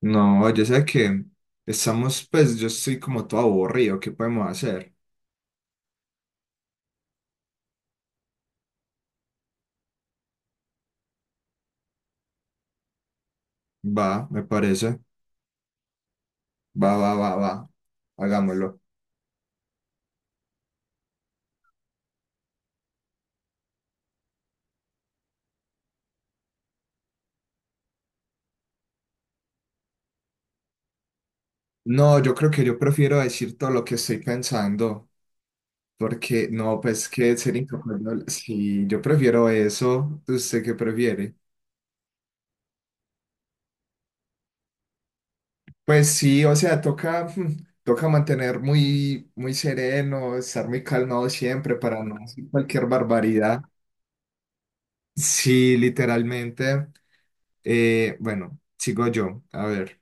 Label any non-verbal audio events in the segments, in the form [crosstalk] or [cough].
No, yo sé que estamos, pues yo estoy como todo aburrido, ¿qué podemos hacer? Va, me parece, va, va, va, va, hagámoslo. No, yo creo que yo prefiero decir todo lo que estoy pensando, porque no, pues que ser incapaz de hablar- sí, yo prefiero eso, ¿usted qué prefiere? Pues sí, o sea, toca, [laughs] toca mantener muy, muy sereno, estar muy calmado siempre para no hacer cualquier barbaridad. Sí, literalmente. Bueno, sigo yo. A ver,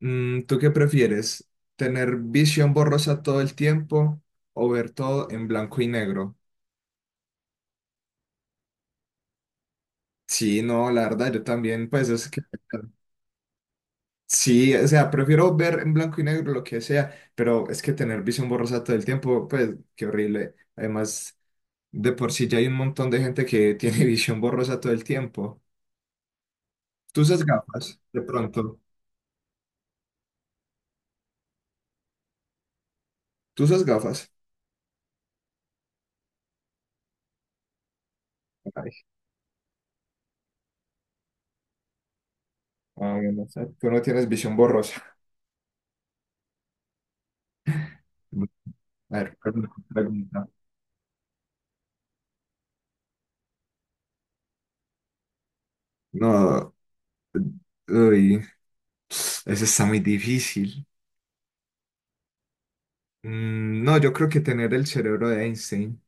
¿tú qué prefieres? ¿Tener visión borrosa todo el tiempo o ver todo en blanco y negro? Sí, no, la verdad, yo también, pues es que. Sí, o sea, prefiero ver en blanco y negro lo que sea, pero es que tener visión borrosa todo el tiempo, pues qué horrible. Además, de por sí ya hay un montón de gente que tiene [laughs] visión borrosa todo el tiempo. Tú usas gafas, de pronto. Tú usas gafas. Ay, ah, bueno, o sea, tú no tienes visión borrosa. A ver, pregunta, pregunta. No, uy, eso está muy difícil. No, yo creo que tener el cerebro de Einstein,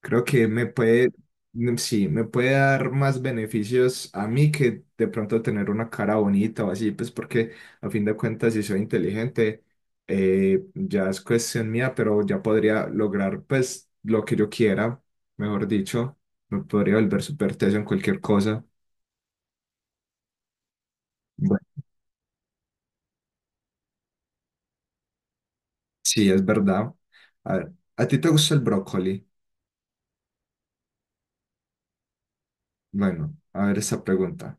creo que me puede, sí, me puede dar más beneficios a mí que de pronto tener una cara bonita o así, pues porque a fin de cuentas si soy inteligente, ya es cuestión mía, pero ya podría lograr pues lo que yo quiera, mejor dicho, me podría volver súper teso en cualquier cosa. Sí, es verdad. A ver, ¿a ti te gusta el brócoli? Bueno, a ver esa pregunta.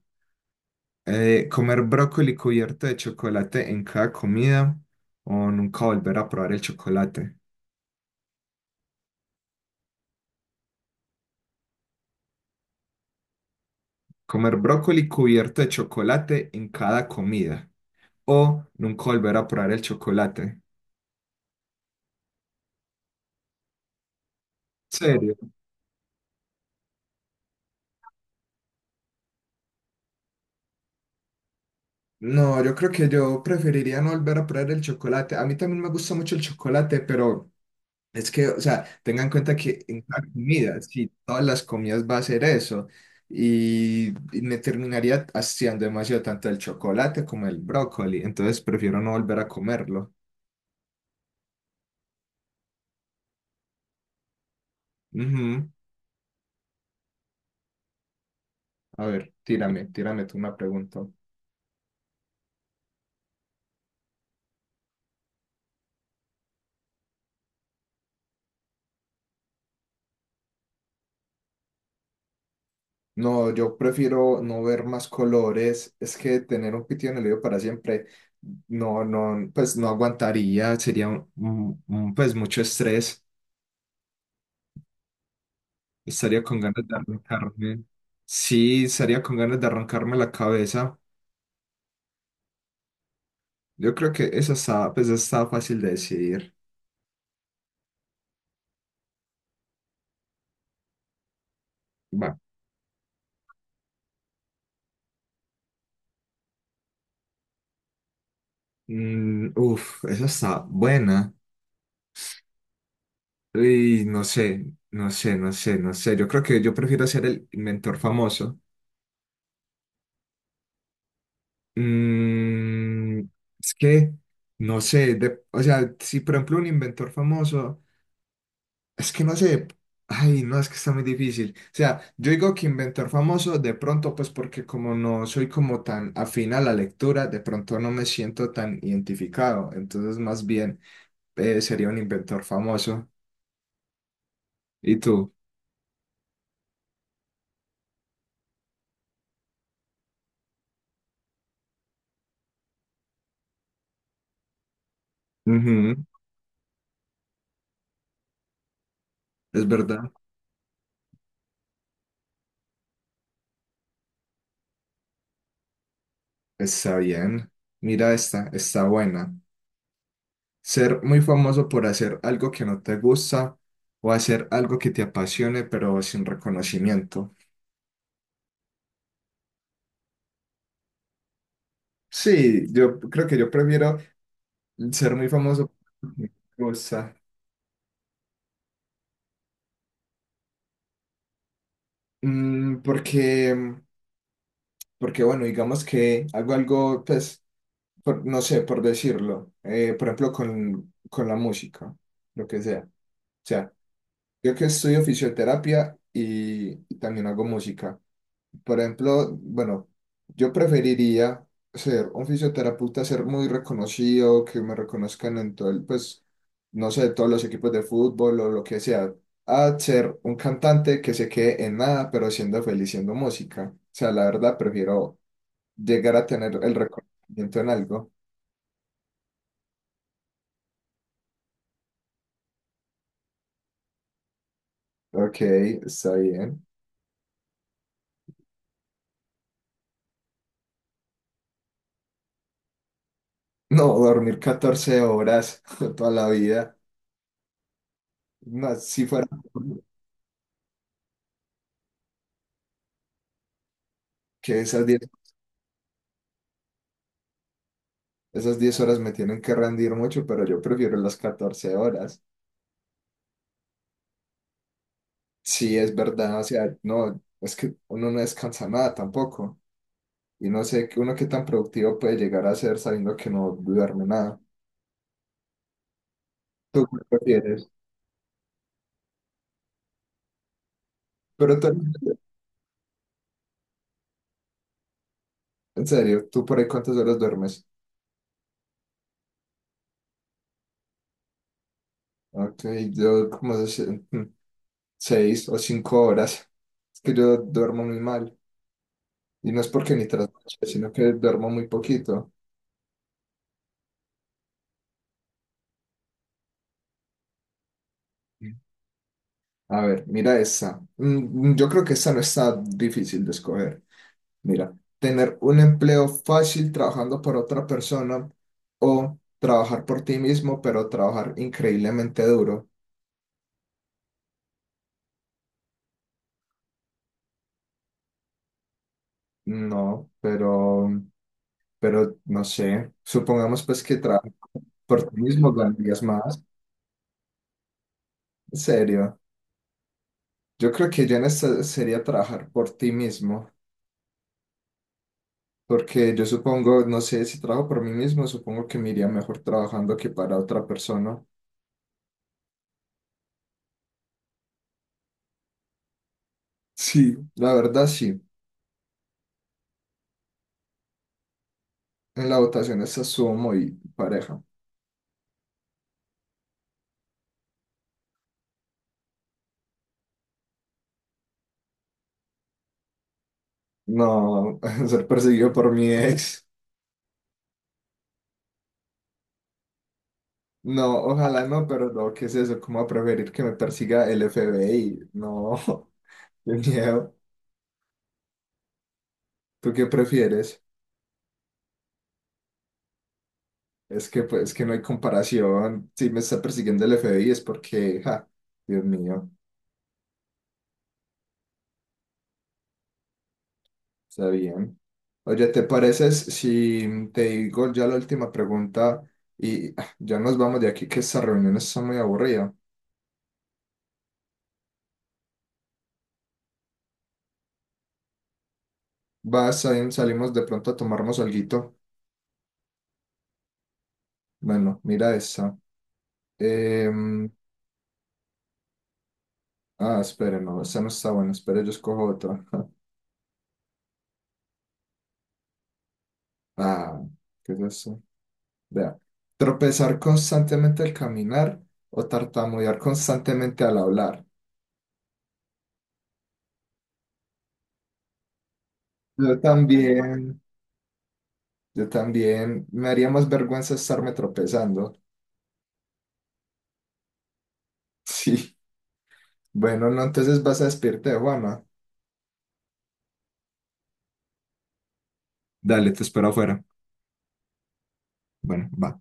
¿Comer brócoli cubierto de chocolate en cada comida o nunca volver a probar el chocolate? ¿Comer brócoli cubierto de chocolate en cada comida o nunca volver a probar el chocolate? ¿Serio? No, yo creo que yo preferiría no volver a probar el chocolate. A mí también me gusta mucho el chocolate, pero es que, o sea, tengan en cuenta que en cada comida, sí, todas las comidas va a ser eso. Y, y me terminaría haciendo demasiado tanto el chocolate como el brócoli. Entonces prefiero no volver a comerlo. Ujú. A ver, tírame, tírame tú una pregunta. No, yo prefiero no ver más colores. Es que tener un pitido en el oído para siempre, no, no, pues no aguantaría. Sería un, pues mucho estrés. Estaría con ganas de arrancarme. Sí, estaría con ganas de arrancarme la cabeza. Yo creo que esa está, pues está fácil de decidir. Va. Uf, esa está buena. Y no sé. Yo creo que yo prefiero ser el mentor famoso. Mm, es que, no sé, o sea, si por ejemplo un inventor famoso. Es que no sé, ay, no, es que está muy difícil. O sea, yo digo que inventor famoso, de pronto, pues porque como no soy como tan afín a la lectura, de pronto no me siento tan identificado. Entonces, más bien, sería un inventor famoso. ¿Y tú? Ujú, es verdad. Está bien. Mira esta, está buena. Ser muy famoso por hacer algo que no te gusta o hacer algo que te apasione, pero sin reconocimiento. Sí, yo creo que yo prefiero ser muy famoso, me gusta. Mm, porque, porque, bueno, digamos que hago algo, pues, no sé, por decirlo. Por ejemplo, con la música, lo que sea. O sea, yo que estudio fisioterapia y también hago música. Por ejemplo, bueno, yo preferiría ser un fisioterapeuta, ser muy reconocido, que me reconozcan en todo el, pues, no sé, todos los equipos de fútbol o lo que sea, a ser un cantante que se quede en nada, pero siendo feliz siendo música. O sea, la verdad, prefiero llegar a tener el reconocimiento en algo. Ok, está bien. No, dormir 14 horas [laughs] toda la vida. No, si fuera que esas 10. Esas 10 horas me tienen que rendir mucho, pero yo prefiero las 14 horas. Sí, es verdad, o sea, no, es que uno no descansa nada tampoco. Y no sé que uno qué tan productivo puede llegar a ser sabiendo que no duerme nada. ¿Tú qué prefieres? Pero tú- en serio, ¿tú por ahí cuántas horas duermes? Ok, yo como 6 o 5 horas. Es que yo duermo muy mal. Y no es porque ni trasnoche, sino que duermo muy poquito. A ver, mira esa. Yo creo que esa no está difícil de escoger. Mira, tener un empleo fácil trabajando por otra persona o trabajar por ti mismo, pero trabajar increíblemente duro. No, pero no sé. Supongamos pues que trabajar por ti mismo ganarías más. En serio. Yo creo que yo en esta sería trabajar por ti mismo. Porque yo supongo, no sé, si trabajo por mí mismo, supongo que me iría mejor trabajando que para otra persona. Sí, la verdad sí. En la votación esta estuvo muy pareja. No, [laughs] ser perseguido por mi ex. No, ojalá no, pero no, ¿qué es eso? ¿Cómo va a preferir que me persiga el FBI? No, [laughs] qué miedo. ¿Tú qué prefieres? Es que pues que no hay comparación. Si me está persiguiendo el FBI es porque, ja, Dios mío, está bien. Oye, ¿te pareces si te digo ya la última pregunta y ah, ya nos vamos de aquí que esta reunión está muy aburrida? Vas, ahí salimos de pronto a tomarnos alguito. Bueno, mira esa. Em, ah, espere, no, esa no está buena. Espere, yo escojo otra. [laughs] Ah, ¿qué es eso? Vea. Tropezar constantemente al caminar o tartamudear constantemente al hablar. Yo también, yo también. Me haría más vergüenza estarme tropezando. [laughs] Sí. Bueno, no, entonces vas a despedirte de Juana. Dale, te espero afuera. Bueno, va.